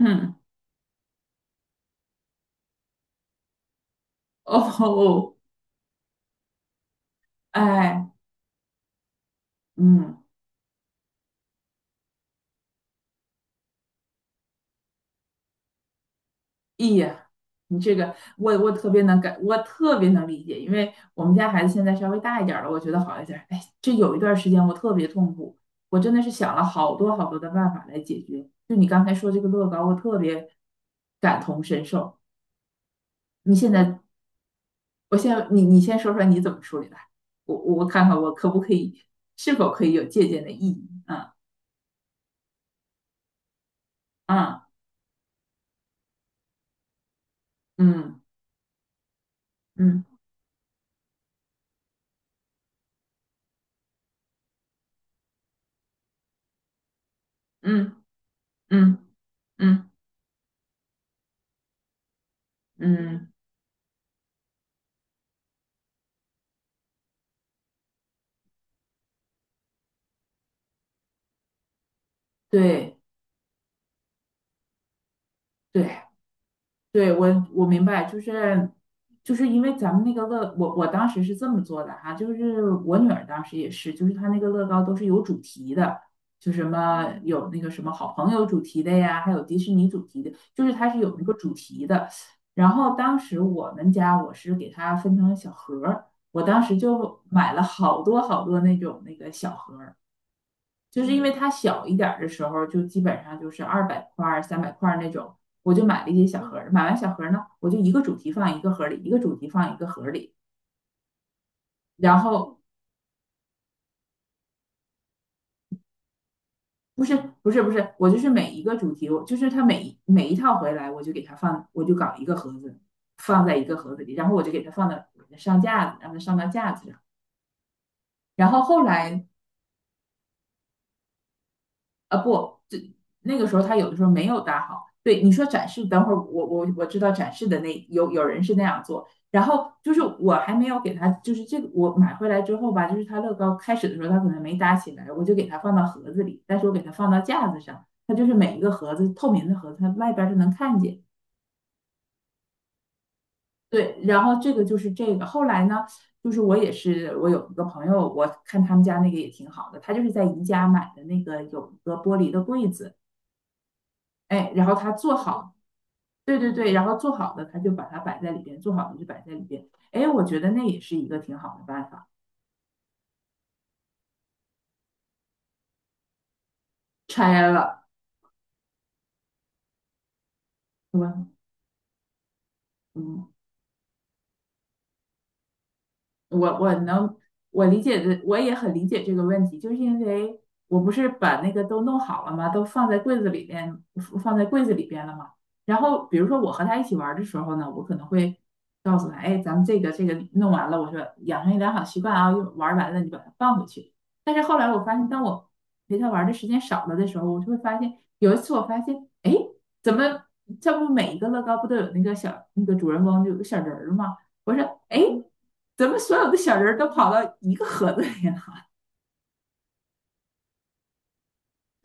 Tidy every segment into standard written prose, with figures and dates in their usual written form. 嗯，哦，哦哎，嗯，咦呀，你这个我特别能感，我特别能理解，因为我们家孩子现在稍微大一点儿了，我觉得好一点儿。哎，这有一段时间我特别痛苦，我真的是想了好多好多的办法来解决。就你刚才说这个乐高，我特别感同身受。你现在，我现在你先说说你怎么处理的，我看看我可不可以，是否可以有借鉴的意义？嗯嗯嗯嗯嗯嗯嗯嗯。嗯，对对对，我明白，就是因为咱们那个乐，我当时是这么做的哈，就是我女儿当时也是，就是她那个乐高都是有主题的，就什么有那个什么好朋友主题的呀，还有迪士尼主题的，就是它是有那个主题的。然后当时我们家我是给它分成小盒儿，我当时就买了好多好多那种那个小盒儿，就是因为它小一点的时候，就基本上就是200块儿、300块那种，我就买了一些小盒，买完小盒呢，我就一个主题放一个盒里，一个主题放一个盒里。然后不是不是不是，我就是每一个主题，我就是它每一套回来，我就给它放，我就搞一个盒子，放在一个盒子里，然后我就给它放到上架子，让它上到架子上。然后后来啊，不，这那个时候他有的时候没有搭好。对，你说展示，等会儿我知道展示的，那有人是那样做，然后就是我还没有给他，就是这个我买回来之后吧，就是他乐高开始的时候他可能没搭起来，我就给他放到盒子里，但是我给他放到架子上，他就是每一个盒子透明的盒子，它外边儿是能看见。对，然后这个就是这个。后来呢，就是我也是，我有一个朋友，我看他们家那个也挺好的，他就是在宜家买的那个有一个玻璃的柜子，哎，然后他做好，对对对，然后做好的他就把它摆在里边，做好的就摆在里边。哎，我觉得那也是一个挺好的办法。拆了，是吧？嗯，我我能我理解的，我也很理解这个问题，就是因为我不是把那个都弄好了吗？都放在柜子里边，放在柜子里边了吗？然后比如说我和他一起玩儿的时候呢，我可能会告诉他，哎，咱们这个弄完了，我说养成一良好习惯啊，会玩儿完了你把它放回去。但是后来我发现，当我陪他玩儿的时间少了的时候，我就会发现，有一次我发现，哎，怎么这不每一个乐高不都有那个主人翁，就有个小人儿吗？我说，哎，怎么所有的小人儿都跑到一个盒子里了？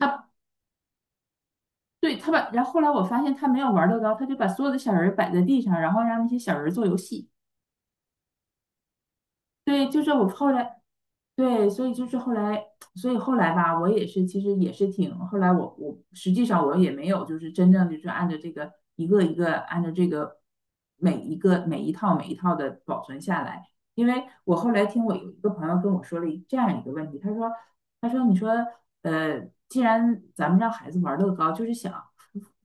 他对，然后后来我发现他没有玩乐高，他就把所有的小人儿摆在地上，然后让那些小人儿做游戏。对，就是我后来，对，所以就是后来，所以后来吧，我也是，其实也是挺，后来我实际上我也没有，就是真正就是按照这个一个一个按照这个每一个每一套每一套的保存下来，因为我后来听我有一个朋友跟我说了这样一个问题，他说你说呃，既然咱们让孩子玩乐高，就是想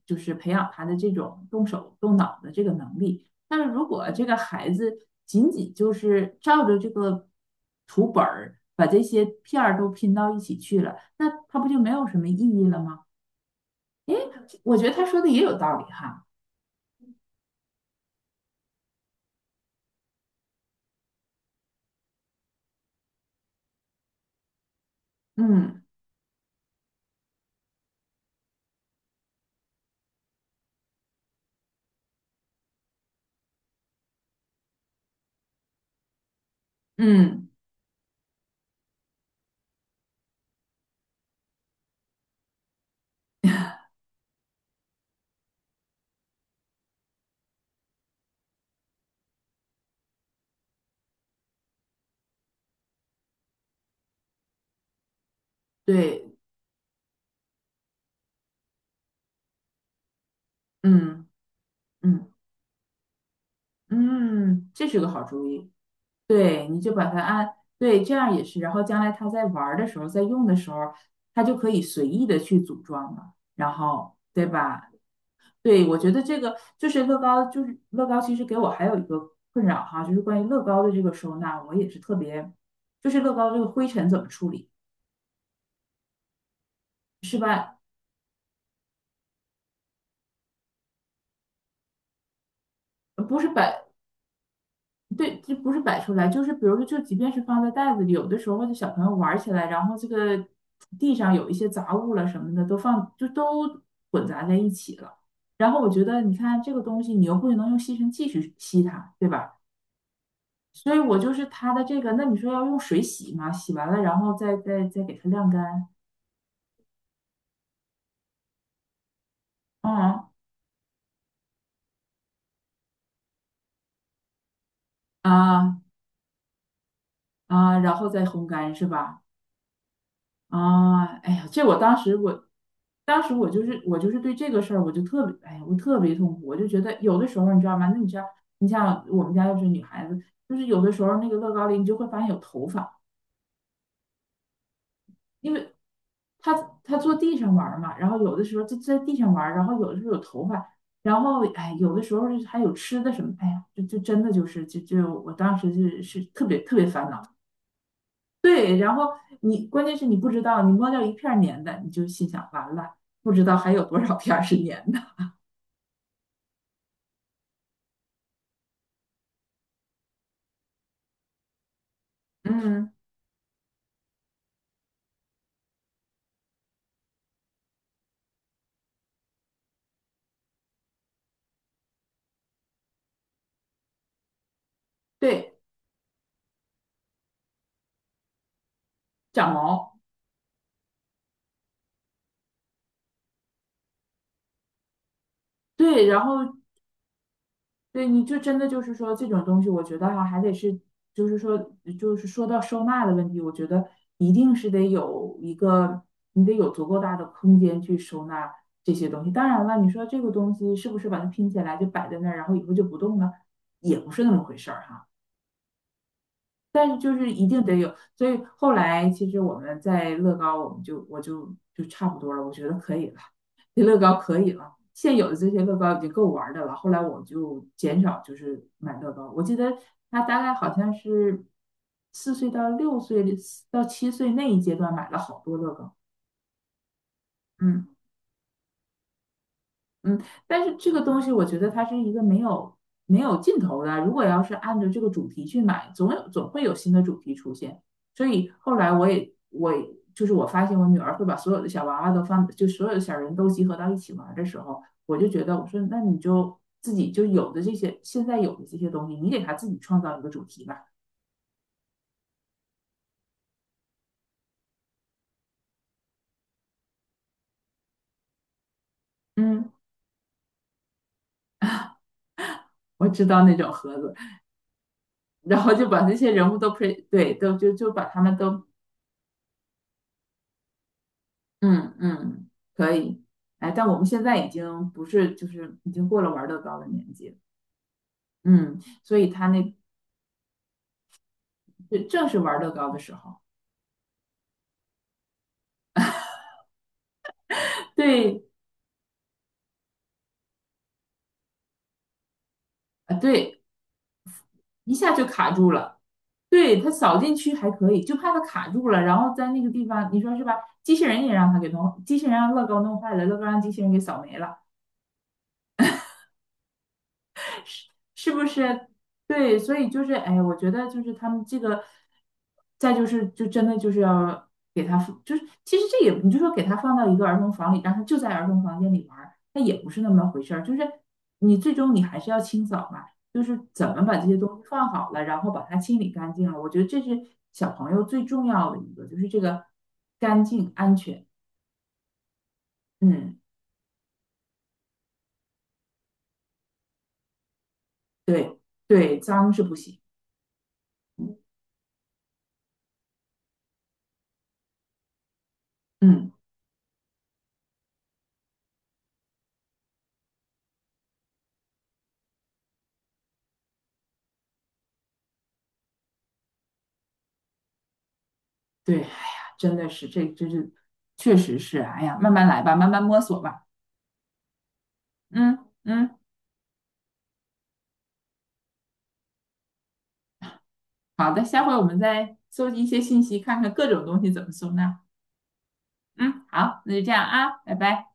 就是培养他的这种动手动脑的这个能力。但是如果这个孩子仅仅就是照着这个图本儿把这些片儿都拼到一起去了，那他不就没有什么意义了吗？诶，我觉得他说的也有道理哈。嗯嗯，对，嗯嗯嗯，这是个好主意。对，你就把它按，对，这样也是。然后将来他在玩儿的时候，在用的时候，他就可以随意的去组装了，然后对吧？对，我觉得这个就是乐高，其实给我还有一个困扰哈，就是关于乐高的这个收纳，我也是特别，就是乐高这个灰尘怎么处理，是吧？不是摆，对，就不是摆出来，就是比如说，就即便是放在袋子里，有的时候或者小朋友玩起来，然后这个地上有一些杂物了什么的，就都混杂在一起了。然后我觉得，你看这个东西，你又不能用吸尘器去吸它，对吧？所以我就是他的这个，那你说要用水洗嘛？洗完了，然后再给它晾干，嗯，啊，啊，然后再烘干是吧？啊，哎呀，这我当时我，当时我就是对这个事儿我就特别，哎呀，我特别痛苦，我就觉得有的时候你知道吗？那你知道，你像我们家要是女孩子，就是有的时候那个乐高里你就会发现有头发，因为他他坐地上玩儿嘛，然后有的时候就在地上玩儿，然后有的时候有头发，然后哎，有的时候就是还有吃的什么，哎呀，就真的就是就我当时就是特别特别烦恼。对，然后你关键是你不知道，你摸掉一片儿粘的，你就心想完了，不知道还有多少片儿是粘的。嗯，对，长毛，对，然后对，你就真的就是说这种东西，我觉得哈、还得是，就是说，到收纳的问题，我觉得一定是得有一个，你得有足够大的空间去收纳这些东西。当然了，你说这个东西是不是把它拼起来就摆在那儿，然后以后就不动了，也不是那么回事儿、哈。但是就是一定得有，所以后来其实我们在乐高，我就差不多了，我觉得可以了，这乐高可以了，现有的这些乐高已经够玩的了。后来我就减少就是买乐高，我记得他大概好像是4岁到6岁到7岁那一阶段买了好多乐高，嗯。嗯，但是这个东西我觉得它是一个没有尽头的。如果要是按照这个主题去买，总会有新的主题出现。所以后来我也就是我发现我女儿会把所有的小娃娃都放，就所有的小人都集合到一起玩的时候，我就觉得我说那你就自己就有的这些现在有的这些东西，你给她自己创造一个主题吧。嗯，我知道那种盒子，然后就把那些人物都配对都把他们都嗯嗯，可以。哎，但我们现在已经不是，就是已经过了玩乐高的年纪了。嗯，所以他那对正是玩乐高的时候，对啊，对，一下就卡住了。对，他扫进去还可以，就怕他卡住了，然后在那个地方，你说是吧？机器人也让他给弄，机器人让乐高弄坏了，乐高让机器人给扫没了。是不是？对，所以就是，哎，我觉得就是他们这个，再就是，就真的就是要给他放，就是其实这也，你就说给他放到一个儿童房里，让他就在儿童房间里玩儿，那也不是那么回事儿。就是你最终你还是要清扫嘛，就是怎么把这些东西放好了，然后把它清理干净了。我觉得这是小朋友最重要的一个，就是这个干净安全。嗯，对对，脏是不行。嗯。嗯，对，哎呀，真的是，这真是，确实是，哎呀，慢慢来吧，慢慢摸索吧。嗯嗯，好的，下回我们再搜集一些信息，看看各种东西怎么收纳。嗯，好，那就这样啊，拜拜。